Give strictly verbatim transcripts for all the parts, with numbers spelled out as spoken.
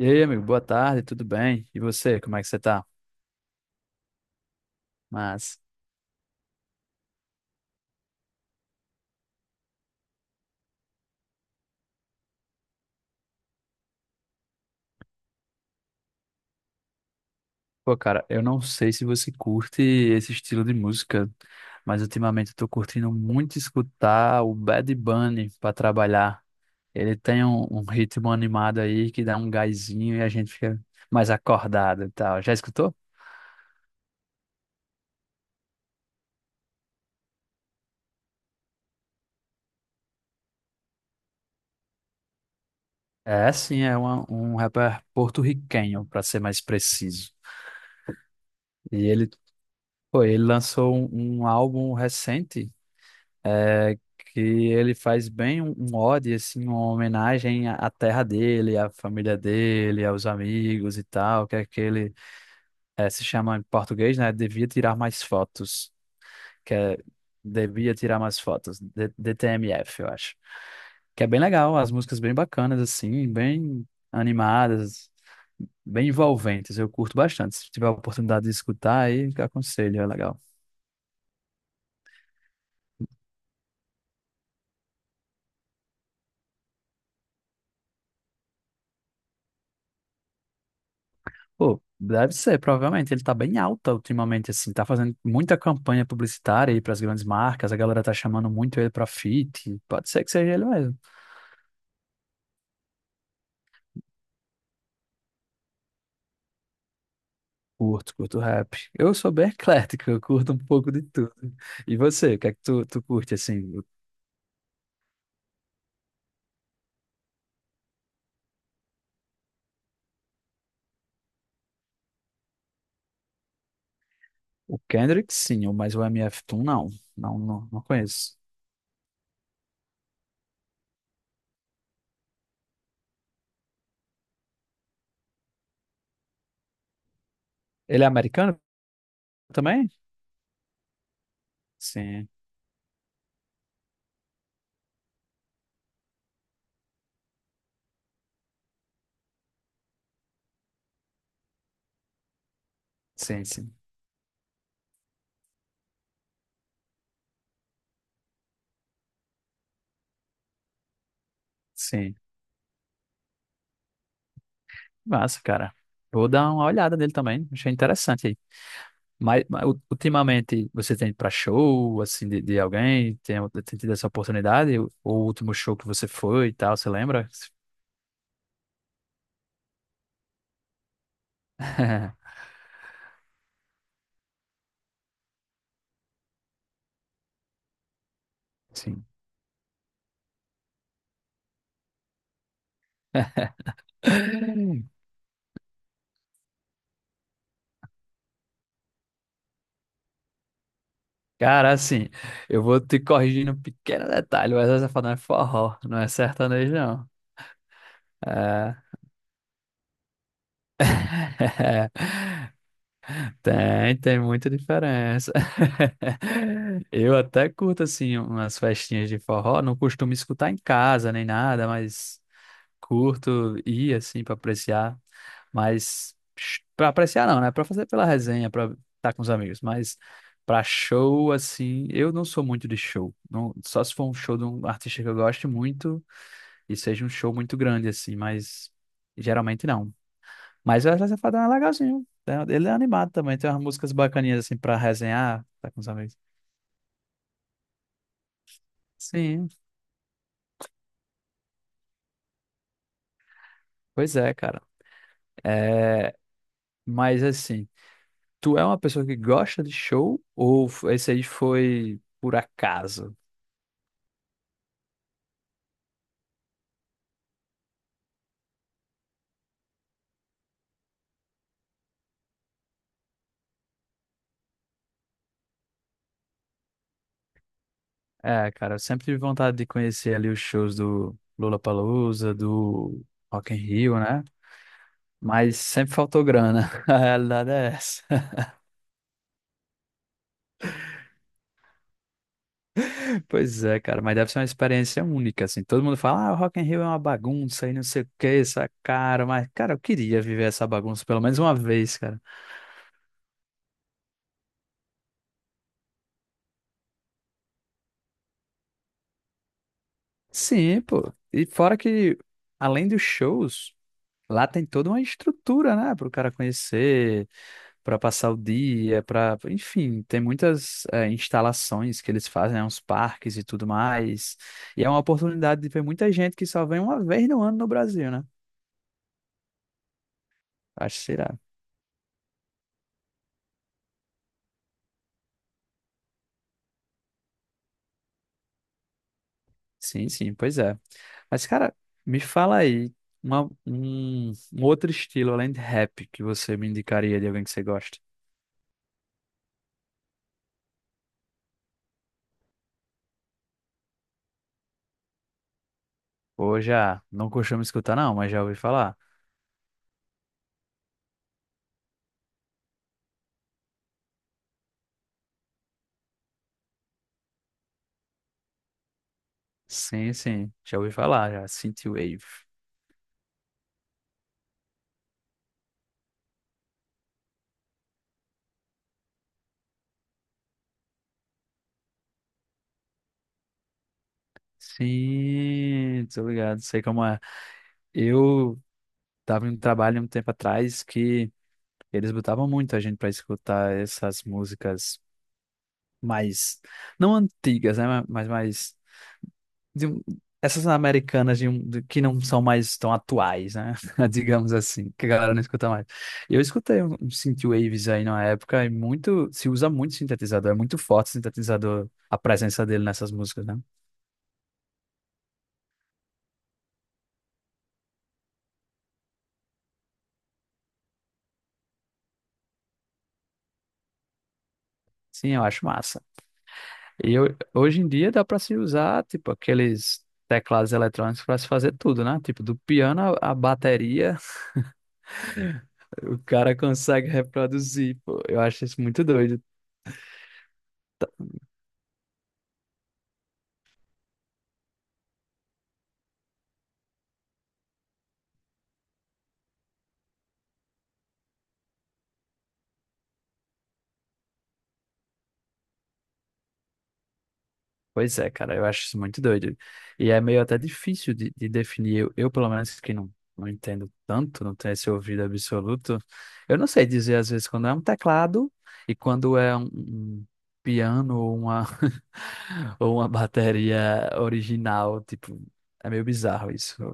E aí, amigo, boa tarde, tudo bem? E você, como é que você tá? Mas, pô, cara, eu não sei se você curte esse estilo de música, mas ultimamente eu tô curtindo muito escutar o Bad Bunny pra trabalhar. Ele tem um, um ritmo animado aí que dá um gásinho e a gente fica mais acordado e tal. Já escutou? É, sim, é uma- um rapper porto-riquenho, pra ser mais preciso. E ele, pô, ele lançou um, um álbum recente é, que ele faz bem um, um ode, assim, uma homenagem à à terra dele, à família dele, aos amigos e tal, que é aquele, é, se chama em português, né? Devia tirar mais fotos, que é Devia tirar mais fotos, D- DTMF, eu acho. Que é bem legal, as músicas bem bacanas, assim, bem animadas, bem envolventes, eu curto bastante. Se tiver a oportunidade de escutar, aí aconselho, é legal. Pô, deve ser, provavelmente. Ele tá bem alta ultimamente, assim. Tá fazendo muita campanha publicitária aí pras grandes marcas. A galera tá chamando muito ele pra feat. Pode ser que seja ele mesmo. Curto, curto rap. Eu sou bem eclético, eu curto um pouco de tudo. E você, o que é que tu, tu curte, assim? O Kendrick, sim, mas o M F Doom, não. Não, não, não conheço. Ele é americano também? Sim, sim, sim. Sim. Massa, cara. Vou dar uma olhada nele também. Achei interessante. Mas, mas u- ultimamente você tem para show assim de, de alguém? Tem, tem tido essa oportunidade? O, o último show que você foi e tal, você lembra? Sim. Cara, assim, eu vou te corrigindo um pequeno detalhe, mas essa fala é forró, não é sertanejo, não. É. Tem, tem muita diferença. Eu até curto, assim, umas festinhas de forró, não costumo escutar em casa nem nada, mas curto ir assim pra apreciar, mas sh- pra apreciar não, né? Pra fazer pela resenha, pra estar com os amigos, mas pra show assim, eu não sou muito de show. Não, só se for um show de um artista que eu gosto muito e seja um show muito grande assim, mas geralmente não. Mas o Wesley Safadão é legalzinho, né? Ele é animado também, tem umas músicas bacaninhas assim pra resenhar, tá com os amigos. Sim, pois é, cara. É, mas assim, tu é uma pessoa que gosta de show ou f- esse aí foi por acaso? É, cara, eu sempre tive vontade de conhecer ali os shows do Lollapalooza, do Rock in Rio, né? Mas sempre faltou grana. A realidade é essa. Pois é, cara, mas deve ser uma experiência única, assim. Todo mundo fala, ah, o Rock in Rio é uma bagunça e não sei o que, essa cara. Mas, cara, eu queria viver essa bagunça pelo menos uma vez, cara. Sim, pô. E fora que, além dos shows, lá tem toda uma estrutura, né, para o cara conhecer, para passar o dia, para, enfim, tem muitas eh, instalações que eles fazem, né, uns parques e tudo mais. E é uma oportunidade de ver muita gente que só vem uma vez no ano no Brasil, né? Acho que será. Sim, sim, pois é. Mas, cara, me fala aí uma- um, um outro estilo além de rap que você me indicaria de alguém que você gosta. Ou já, não costumo escutar não, mas já ouvi falar. Sim, sim, já ouvi falar, já. Synthwave. Sim, tô ligado, sei como é. Eu tava em um trabalho um tempo atrás que eles botavam muito a gente pra escutar essas músicas mais, não antigas, né, mas mais, de um- essas americanas de, um- de- que não são mais tão atuais, né, digamos assim, que a galera não escuta mais. Eu escutei um, um synthwaves aí na época e muito, se usa muito sintetizador, é muito forte o sintetizador, a presença dele nessas músicas, né? Sim, eu acho massa. E ho- hoje em dia dá para se usar, tipo, aqueles teclados eletrônicos para se fazer tudo, né? Tipo, do piano à à bateria, o cara consegue reproduzir, pô. Eu acho isso muito doido. Pois é, cara, eu acho isso muito doido. E é meio até difícil de, de definir. Eu, eu, pelo menos, que não, não entendo tanto, não tenho esse ouvido absoluto, eu não sei dizer, às vezes, quando é um teclado e quando é um, um piano ou uma, ou uma bateria original. Tipo, é meio bizarro isso. Eu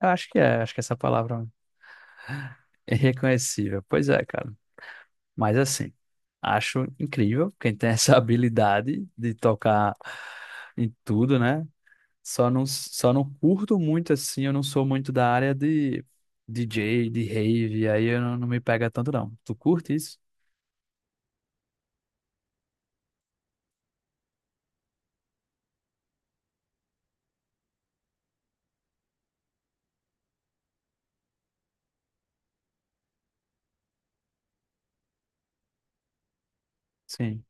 acho que é, acho que essa palavra é reconhecível. Pois é, cara. Mas assim, acho incrível quem tem essa habilidade de tocar em tudo, né? Só não, só não curto muito assim, eu não sou muito da área de D J, de rave, aí eu não, não me pega tanto não. Tu curte isso? Sim.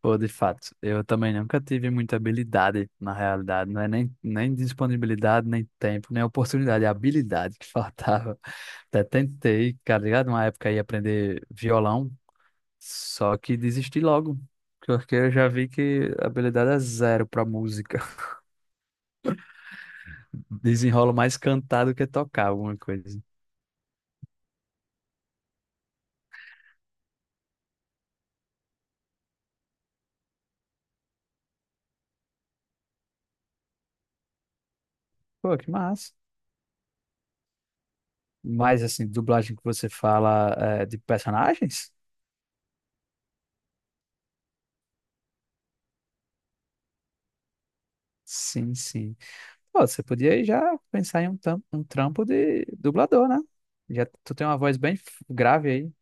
Pô, de fato, eu também nunca tive muita habilidade, na realidade, não é nem, nem disponibilidade, nem tempo, nem oportunidade, é habilidade que faltava. Até tentei, cara, ligado? Uma época aí aprender violão, só que desisti logo, porque eu já vi que a habilidade é zero pra música. Desenrolo mais cantar do que tocar alguma coisa. Pô, que massa. Mas, assim, dublagem que você fala é, de personagens? Sim, sim. Pô, você podia aí já pensar em um, tam- um trampo de dublador, né? Já tu tem uma voz bem f- grave aí.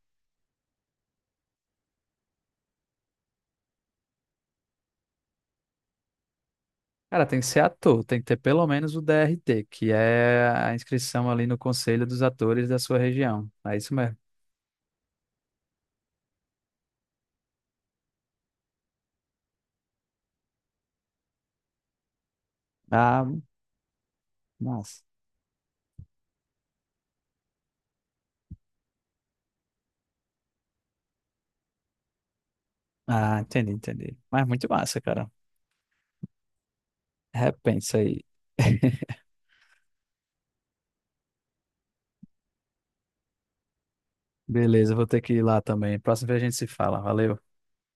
Cara, tem que ser ator, tem que ter pelo menos o D R T, que é a inscrição ali no Conselho dos Atores da sua região. É isso mesmo. Ah, massa. Ah, entendi, entendi. Mas muito massa, cara. Repensa aí. Beleza, vou ter que ir lá também. Próxima vez a gente se fala. Valeu.